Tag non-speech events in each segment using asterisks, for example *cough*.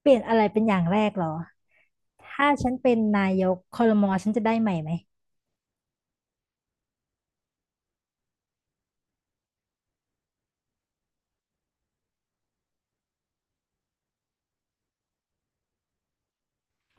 เปลี่ยนอะไรเป็นอย่างแรกเหรอถ้าฉันเป็นนายกครมฉันจะได้ใหม่ไหม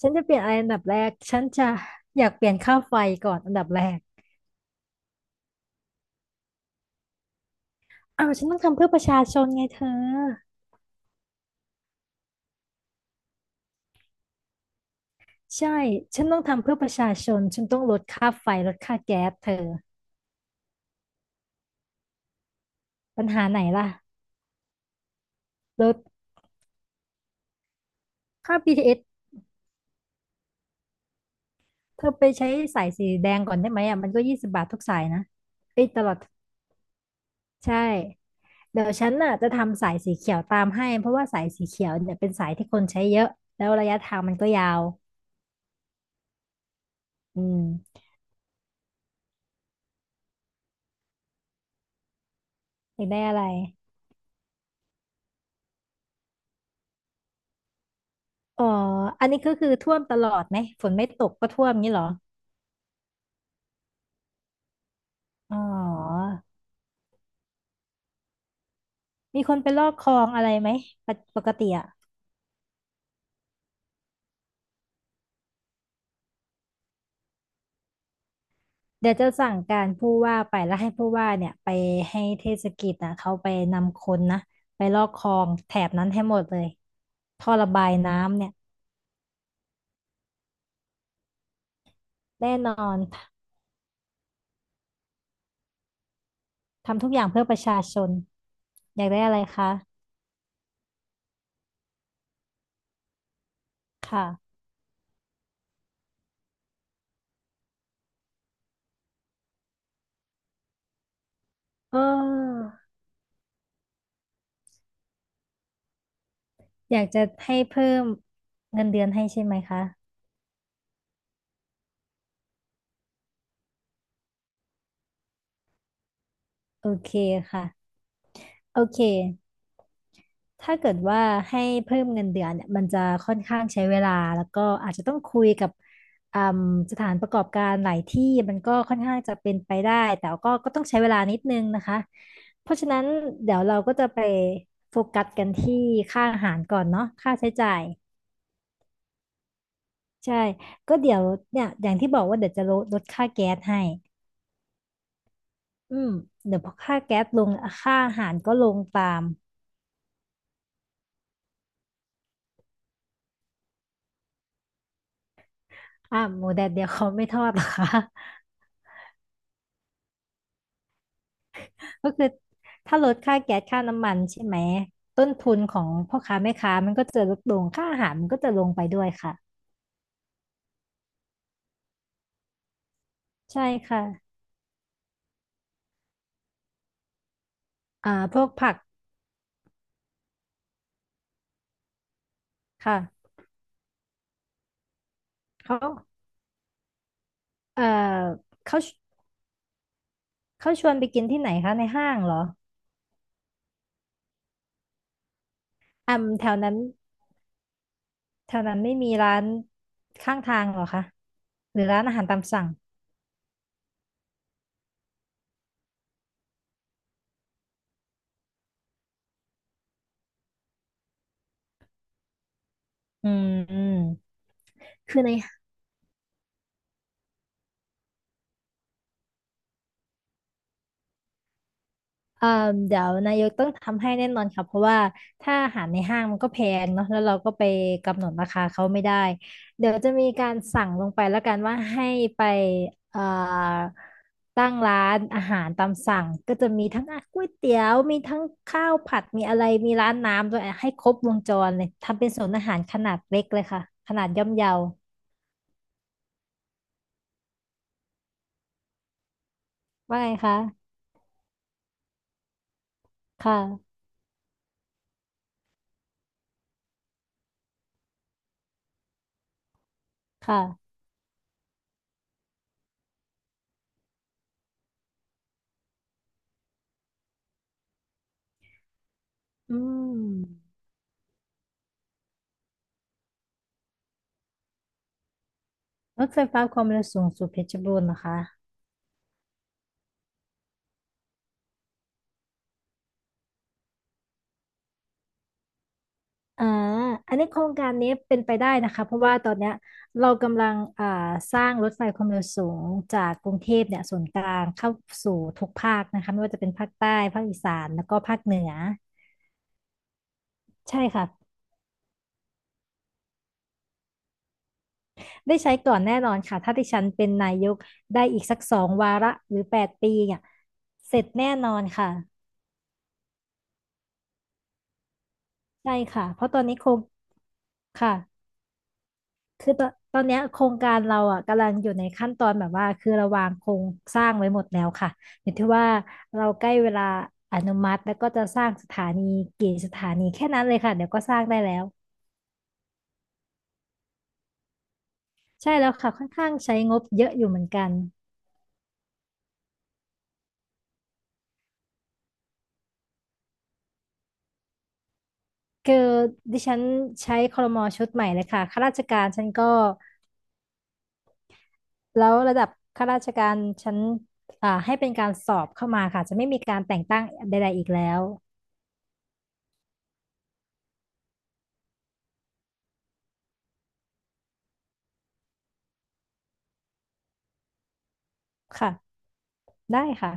ฉันจะเปลี่ยนอะไรอันดับแรกฉันจะอยากเปลี่ยนค่าไฟก่อนอันดับแรกอ้าวฉันต้องทำเพื่อประชาชนไงเธอใช่ฉันต้องทำเพื่อประชาชนฉันต้องลดค่าไฟลดค่าแก๊สเธอปัญหาไหนล่ะลดค่า BTS เอสเธอไปใช้สายสีแดงก่อนได้ไหมอ่ะมันก็20 บาททุกสายนะเอ้ยตลอดใช่ เดี๋ยวฉันน่ะจะทำสายสีเขียวตามให้เพราะว่าสายสีเขียวเนี่ยเป็นสายที่คนใช้เยอะแล้วระยะทางมันก็ยาวอืมอยากได้อะไรอ๋ออันนี้ก็คือท่วมตลอดไหมฝนไม่ตกก็ท่วมงี้เหรออ๋อมีคนไปลอกคลองอะไรไหมปกติอะเดี๋ยวจะสั่งการผู้ว่าไปแล้วให้ผู้ว่าเนี่ยไปให้เทศกิจนะเขาไปนำคนนะไปลอกคลองแถบนั้นให้หมดเลยท่อระบายน้ำเนี่ยแน่นอน ทำทุกอย่างเพื่อประชาชนอยากได้อะไรคะค่ะเอออยากจะให้เพิ่มเงินเดือนให้ใช่ไหมคะโอเคค่ะโอเคถ้าเกิดว่าให้เพิ่มเงินเดือนเนี่ยมันจะค่อนข้างใช้เวลาแล้วก็อาจจะต้องคุยกับอืมสถานประกอบการหลายที่มันก็ค่อนข้างจะเป็นไปได้แต่ก็ต้องใช้เวลานิดนึงนะคะเพราะฉะนั้นเดี๋ยวเราก็จะไปโฟกัสกันที่ค่าอาหารก่อนเนาะค่าใช้จ่าย ใช่ ก็เดี๋ยวเนี่ยอย่างที่บอกว่าเดี๋ยวจะลดค่าแก๊สให้ อืม เดี๋ยวพอค่าแก๊สลงค่าอาหารก็ลงตามอ่าหมูแดดเดียวเขาไม่ทอดหรอคะ *laughs* ก็คือถ้าลดค่าแก๊สค่าน้ำมันใช่ไหมต้นทุนของพ่อค้าแม่ค้ามันก็จะลดลงค่าอาหารมันก็จะลงไปด้วยค่ะใช่ค่ะ อ่าพวกผักค่ะเขาเอ่อเขาชวนไปกินที่ไหนคะในห้างเหรออ่าแถวนั้น แถวนั้นไม่มีร้านข้างทางเหรอคะหรือร้านอาหารตามสั่งอืมอืมคือในเอ่อเดี๋ยวนายกต้องทำให้แน่นอนค่ะเพราะว่าถ้าอาหารในห้างมันก็แพงเนาะแล้วเราก็ไปกำหนดราคาเขาไม่ได้ เดี๋ยวจะมีการสั่งลงไปแล้วกันว่าให้ไปเอ่อตั้งร้านอาหารตามสั่งก็จะมีทั้งก๋วยเตี๋ยวมีทั้งข้าวผัดมีอะไรมีร้านน้ำด้วยให้ครบวงจรเลยทำเป็นศูนย์อาหารขนาดเล็กเลยค่ะขนาดย่อมเยา ว่าไงคะค่ะค่ะ อืม รถไฟฟ้าความเร็วสูงสุดเพชรบูรณ์นะคะอ่าอันนี้โครงการนี้เป็นไปได้นะคะเพราะว่าตอนเนี้ยเรากำลังอ่าสร้างรถไฟความเร็วสูงจากกรุงเทพเนี่ยศูนย์กลางเข้าสู่ทุกภาคนะคะไม่ว่าจะเป็นภาคใต้ภาคอีสาน แล้วก็ภาคเหนือใช่ค่ะได้ใช้ก่อนแน่นอนค่ะถ้าดิฉันเป็นนายกได้อีกสัก2 วาระหรือ8 ปีเนี่ยเสร็จแน่นอนค่ะใช่ค่ะเพราะตอนนี้โครงค่ะ คือตอนเนี้ยโครงการเราอ่ะกำลังอยู่ในขั้นตอนแบบว่าคือเระวางโครงสร้างไว้หมดแล้วค่ะอยู่ที่ว่าเราใกล้เวลาอนุมัติแล้วก็จะสร้างสถานีกี่สถานีแค่นั้นเลยค่ะเดี๋ยวก็สร้างได้แล้วใช่แล้วค่ะค่อนข้างใช้งบเยอะอยู่เหมือนกันคือดิฉันใช้ครมชุดใหม่เลยค่ะข้าราชการฉันก็แล้วระดับข้าราชการฉันอ่าให้เป็นการสอบเข้ามาค่ะจะไม่มีการแต่งตั้งใดๆอีกแล้วค่ะได้ค่ะ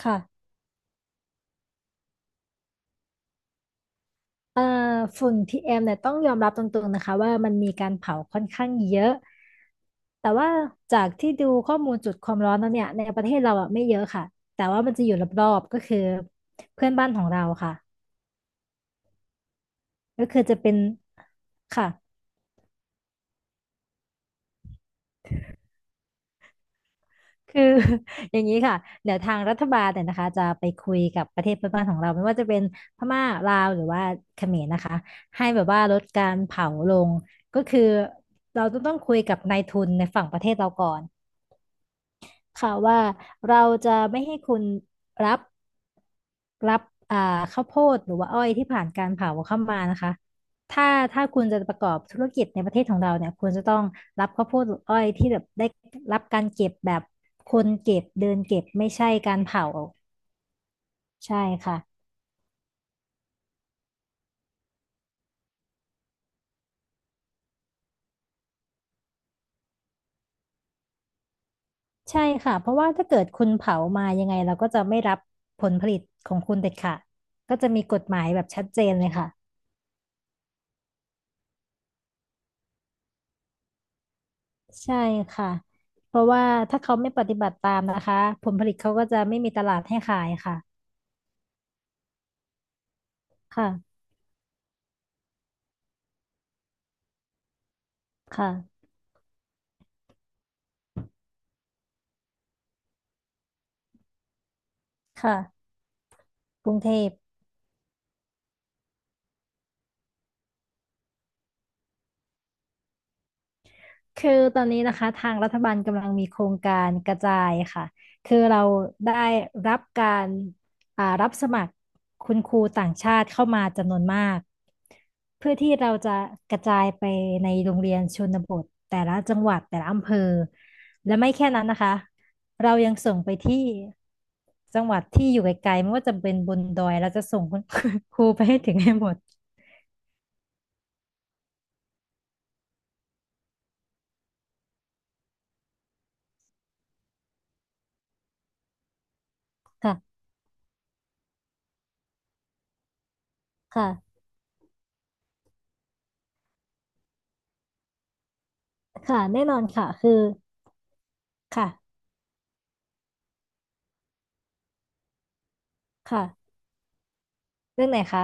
ค่ะ เอ่อฝุ่น PM เอ็มเนี่ยต้องยอมรับตรงๆนะคะว่ามันมีการเผาค่อนข้างเยอะแต่ว่าจากที่ดูข้อมูลจุดความร้อนแล้วเนี่ยในประเทศเราอ่ะไม่เยอะค่ะแต่ว่ามันจะอยู่รอบๆก็คือเพื่อนบ้านของเราค่ะก็คือจะเป็นค่ะคือ *laughs* อย่างนี้ค่ะเดี๋ยวทางรัฐบาลเนี่ยนะคะจะไปคุยกับประเทศเพื่อนบ้านของเราไม่ว่าจะเป็นพม่าลาวหรือว่าเขมรนะคะให้แบบว่าลดการเผาลงก็คือเราจะต้องคุยกับนายทุนในฝั่งประเทศเราก่อน ค่ะว่าเราจะไม่ให้คุณรับรับอ่าข้าวโพดหรือว่าอ้อยที่ผ่านการเผาเข้ามานะคะถ้าถ้าคุณจะประกอบธุรกิจในประเทศของเราเนี่ยคุณจะต้องรับข้าวโพดหรืออ้อยที่แบบได้รับการเก็บแบบคนเก็บเดินเก็บไม่ใช่การเผาใช่ค่ะใช่ค่ะเพราะว่าถ้าเกิดคุณเผามายังไงเราก็จะไม่รับผลผลิตของคุณเด็ดขาดก็จะมีกฎหมายแบบชัดเจนเลยค่ะ ใช่ค่ะ เพราะว่าถ้าเขาไม่ปฏิบัติตามนะคะผลผลิตเขาก็จะไม่มีตลาดให้ขายค่ะ ค่ะ ค่ะ ค่ะกรุงเทพ คือตอนนี้นะคะทางรัฐบาลกำลังมีโครงการกระจายค่ะคือเราได้รับการอ่ารับสมัครคุณครูต่างชาติเข้ามาจำนวนมากเพื่อที่เราจะกระจายไปในโรงเรียนชนบทแต่ละจังหวัดแต่ละอำเภอและไม่แค่นั้นนะคะเรายังส่งไปที่จังหวัดที่อยู่ไกลๆไม่ว่าจะเป็นบนดอยเราจะส่งคุณครูไปให้ถึงให้หมดค่ะค่ะค่ะแน่นอนค่ะคือค่ะค่ะเรื่องไหนคะ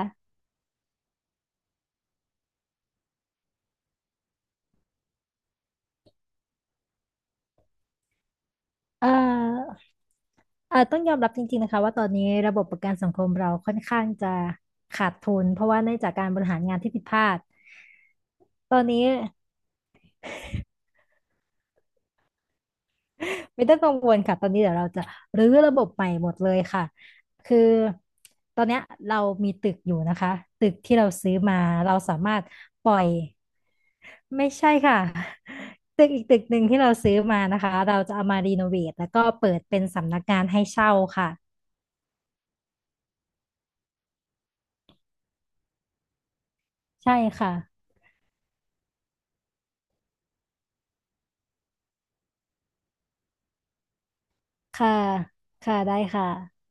เอ่อเอ่อต้องยอมรับจริงๆนะคะว่าตอนนี้ระบบประกันสังคมเราค่อนข้างจะขาดทุนเพราะว่าเนื่องจากการบริหารงานที่ผิดพลาดตอนนี้ *laughs* ไม่ต้องกังวลค่ะตอนนี้เดี๋ยวเราจะรื้อระบบใหม่หมดเลยค่ะคือตอนเนี้ยเรามีตึกอยู่นะคะตึกที่เราซื้อมาเราสามารถปล่อยไม่ใช่ค่ะตึกอีกตึกหนึ่งที่เราซื้อมานะคะเราจะเอามารีโนเวทแล้วก็เปิดเป็นสำนักงานให้เช่าค่ะใช่ค่ะ ค่ะค่ะได้ค่ะ